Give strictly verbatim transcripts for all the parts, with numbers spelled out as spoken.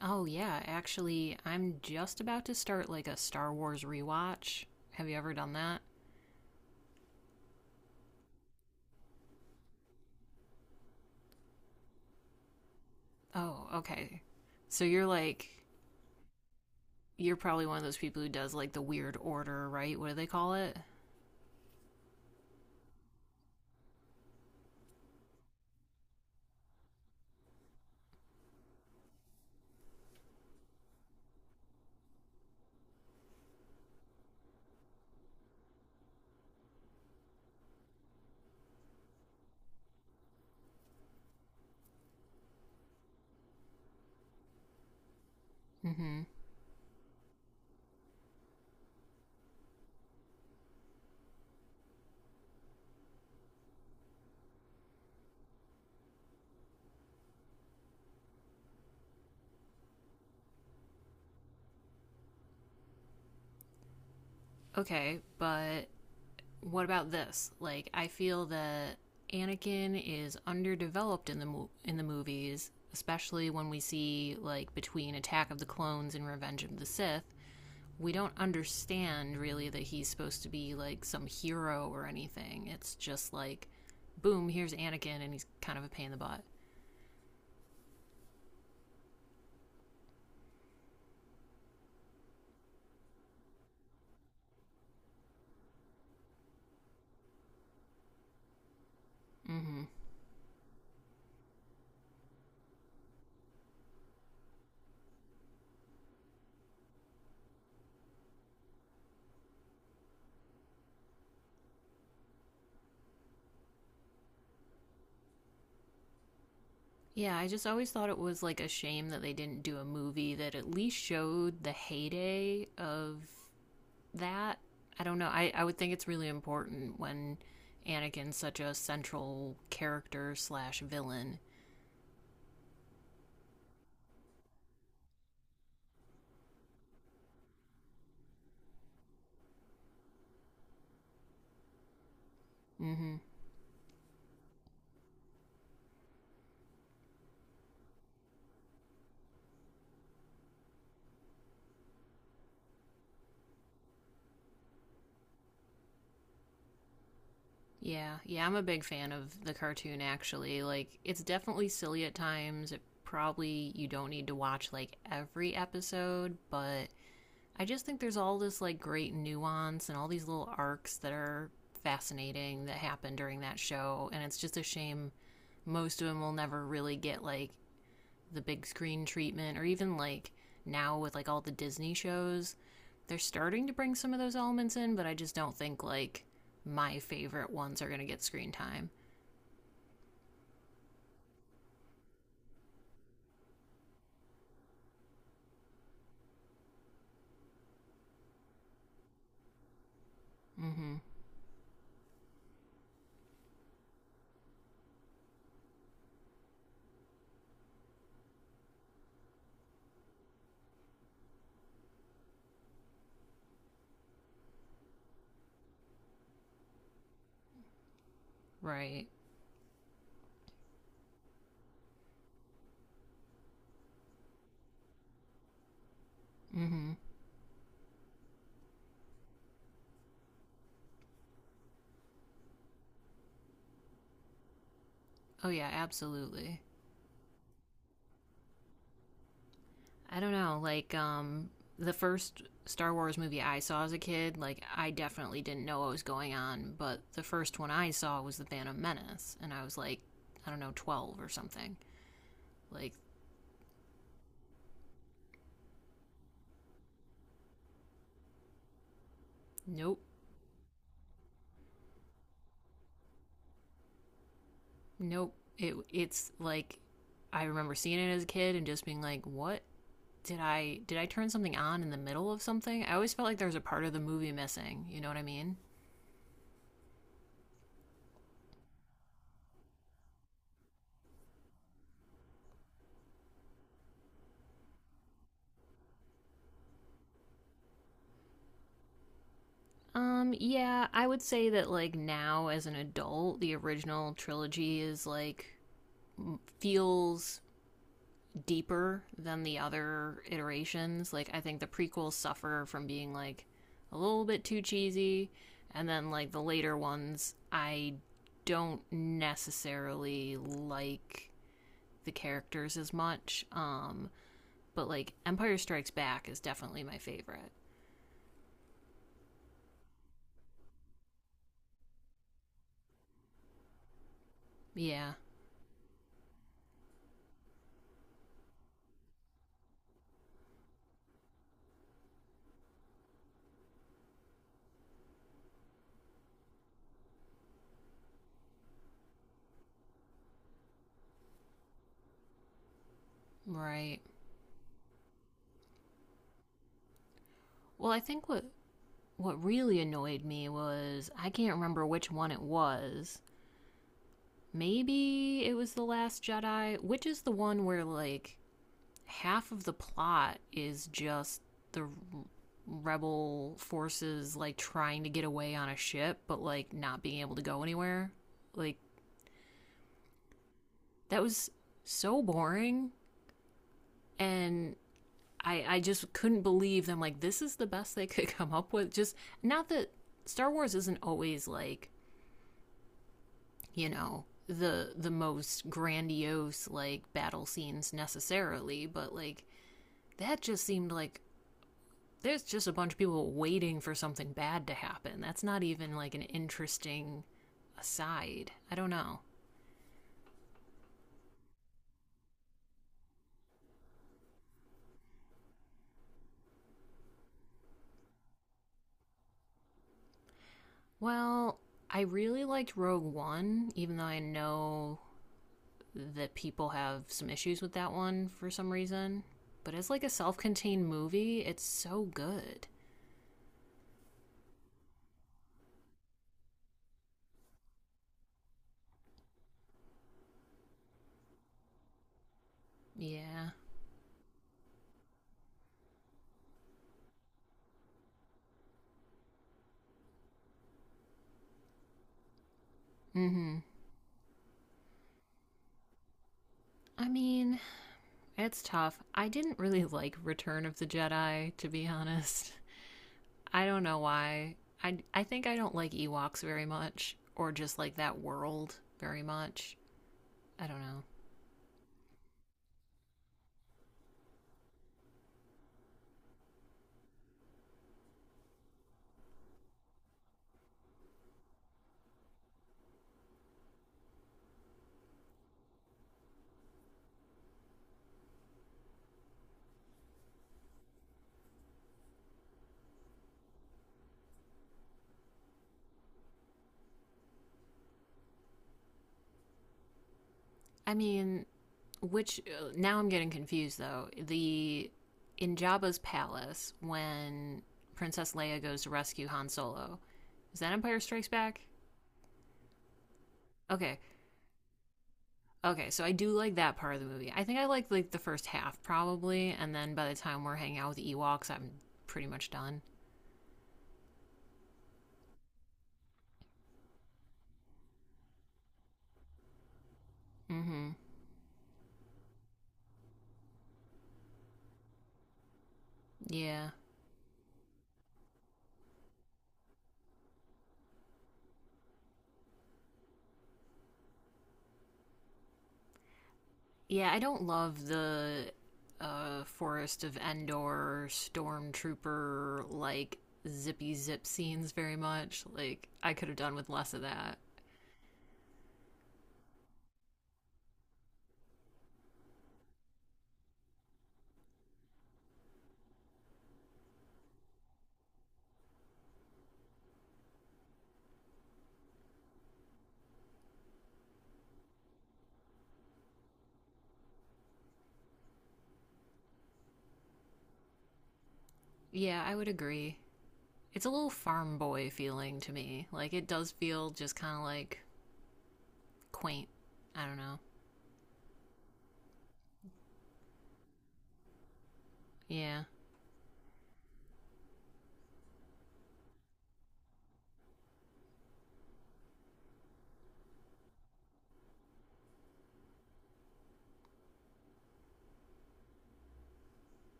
Oh, yeah. Actually, I'm just about to start like a Star Wars rewatch. Have you ever done that? Oh, okay. So you're like, you're probably one of those people who does like the weird order, right? What do they call it? Mm hmm. Okay, but what about this? Like, I feel that Anakin is underdeveloped in the mo- in the movies, especially when we see like between Attack of the Clones and Revenge of the Sith. We don't understand really that he's supposed to be like some hero or anything. It's just like, boom, here's Anakin, and he's kind of a pain in the butt. Hmm. Yeah, I just always thought it was like a shame that they didn't do a movie that at least showed the heyday of that. I don't know. I, I would think it's really important when Anakin's such a central character slash villain. Hmm. Yeah, yeah, I'm a big fan of the cartoon actually. Like it's definitely silly at times. It probably you don't need to watch like every episode, but I just think there's all this like great nuance and all these little arcs that are fascinating that happen during that show and it's just a shame most of them will never really get like the big screen treatment or even like now with like all the Disney shows, they're starting to bring some of those elements in, but I just don't think like my favorite ones are going to get screen time. Mhm. Right. Mhm. Oh yeah, absolutely. I don't know, like um the first Star Wars movie I saw as a kid, like I definitely didn't know what was going on, but the first one I saw was The Phantom Menace and I was like I don't know, twelve or something. Like nope. Nope. It it's like I remember seeing it as a kid and just being like, "What did I did I turn something on in the middle of something?" I always felt like there was a part of the movie missing. You know what I mean? Um, yeah, I would say that like now as an adult, the original trilogy is like feels deeper than the other iterations. Like, I think the prequels suffer from being like a little bit too cheesy, and then like the later ones, I don't necessarily like the characters as much. Um, but like Empire Strikes Back is definitely my favorite. Yeah, right. Well, I think what what really annoyed me was I can't remember which one it was. Maybe it was the Last Jedi, which is the one where like half of the plot is just the rebel forces like trying to get away on a ship but like not being able to go anywhere like that was so boring and i i just couldn't believe them like this is the best they could come up with just not that star wars isn't always like you know the the most grandiose like battle scenes necessarily but like that just seemed like there's just a bunch of people waiting for something bad to happen. That's not even like an interesting aside. I don't know. Well, I really liked Rogue One, even though I know that people have some issues with that one for some reason. But as like a self contained movie, it's so good. Yeah. Mm hmm. I mean, it's tough. I didn't really like Return of the Jedi, to be honest. I don't know why. I I think I don't like Ewoks very much, or just like that world very much. I don't know. I mean, which now I'm getting confused though. The in Jabba's palace when Princess Leia goes to rescue Han Solo, is that Empire Strikes Back? Okay, okay. So I do like that part of the movie. I think I like like the first half probably, and then by the time we're hanging out with the Ewoks, I'm pretty much done. Mm-hmm. Yeah. Yeah, I don't love the uh, Forest of Endor stormtrooper like zippy zip scenes very much. Like I could have done with less of that. Yeah, I would agree. It's a little farm boy feeling to me. Like it does feel just kind of like quaint. I don't know. Yeah.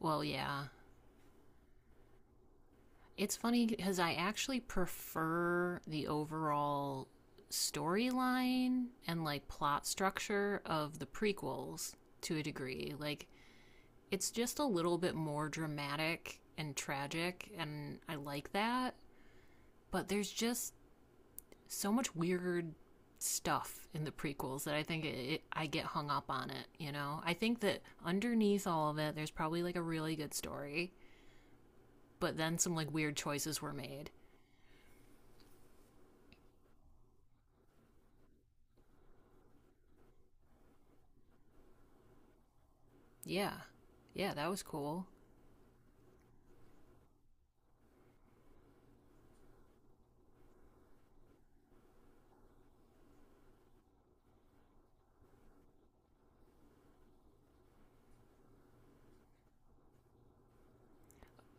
Well, yeah. It's funny because I actually prefer the overall storyline and like plot structure of the prequels to a degree. Like it's just a little bit more dramatic and tragic and I like that, but there's just so much weird stuff in the prequels that I think it, it, I get hung up on it, you know? I think that underneath all of it there's probably like a really good story, but then some like weird choices were made. Yeah. Yeah, that was cool.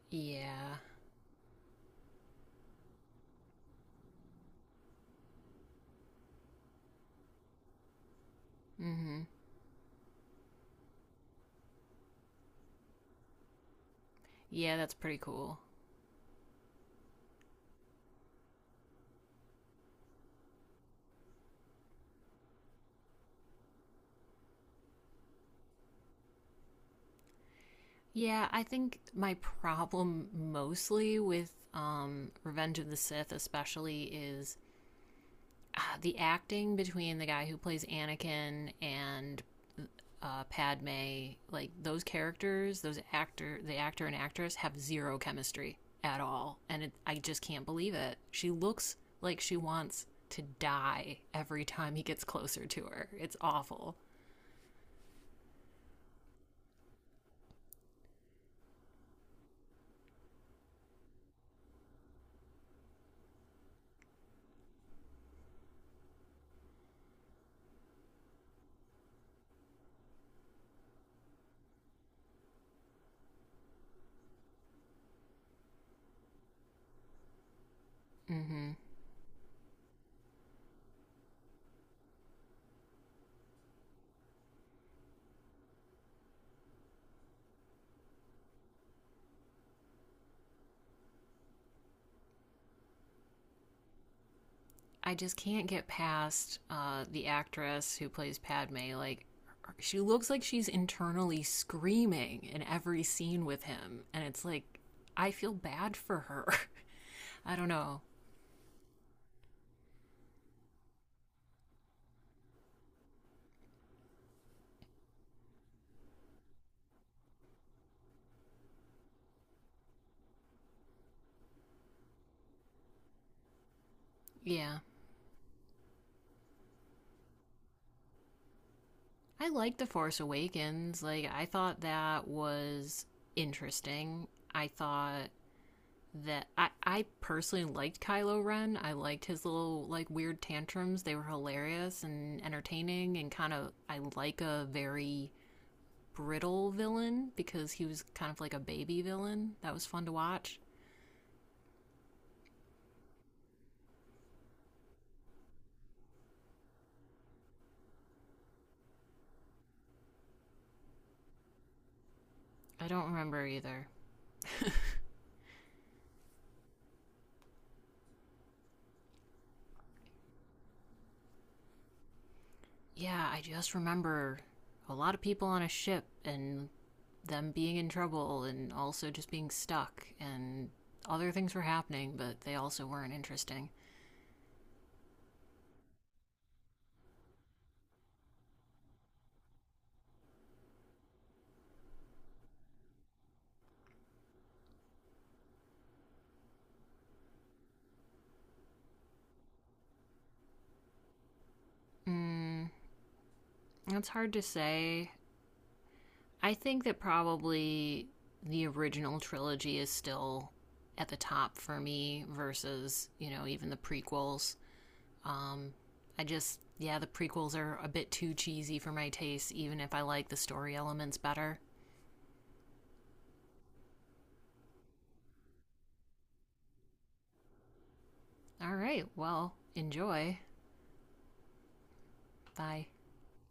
Yeah. Mhm. Yeah, that's pretty cool. Yeah, I think my problem mostly with um Revenge of the Sith especially is ah, the acting between the guy who plays Anakin and uh, Padme, like those characters, those actor, the actor and actress have zero chemistry at all, and it, I just can't believe it. She looks like she wants to die every time he gets closer to her. It's awful. Mm-hmm. I just can't get past uh, the actress who plays Padme. Like, she looks like she's internally screaming in every scene with him. And it's like, I feel bad for her. I don't know. Yeah. I liked The Force Awakens. Like, I thought that was interesting. I thought that I, I personally liked Kylo Ren. I liked his little like weird tantrums. They were hilarious and entertaining and kind of I like a very brittle villain because he was kind of like a baby villain. That was fun to watch. I don't remember either. Yeah, I just remember a lot of people on a ship and them being in trouble and also just being stuck and other things were happening, but they also weren't interesting. Mm, it's hard to say. I think that probably the original trilogy is still at the top for me versus, you know, even the prequels. Um, I just, yeah, the prequels are a bit too cheesy for my taste, even if I like the story elements better. All right, well, enjoy. Bye.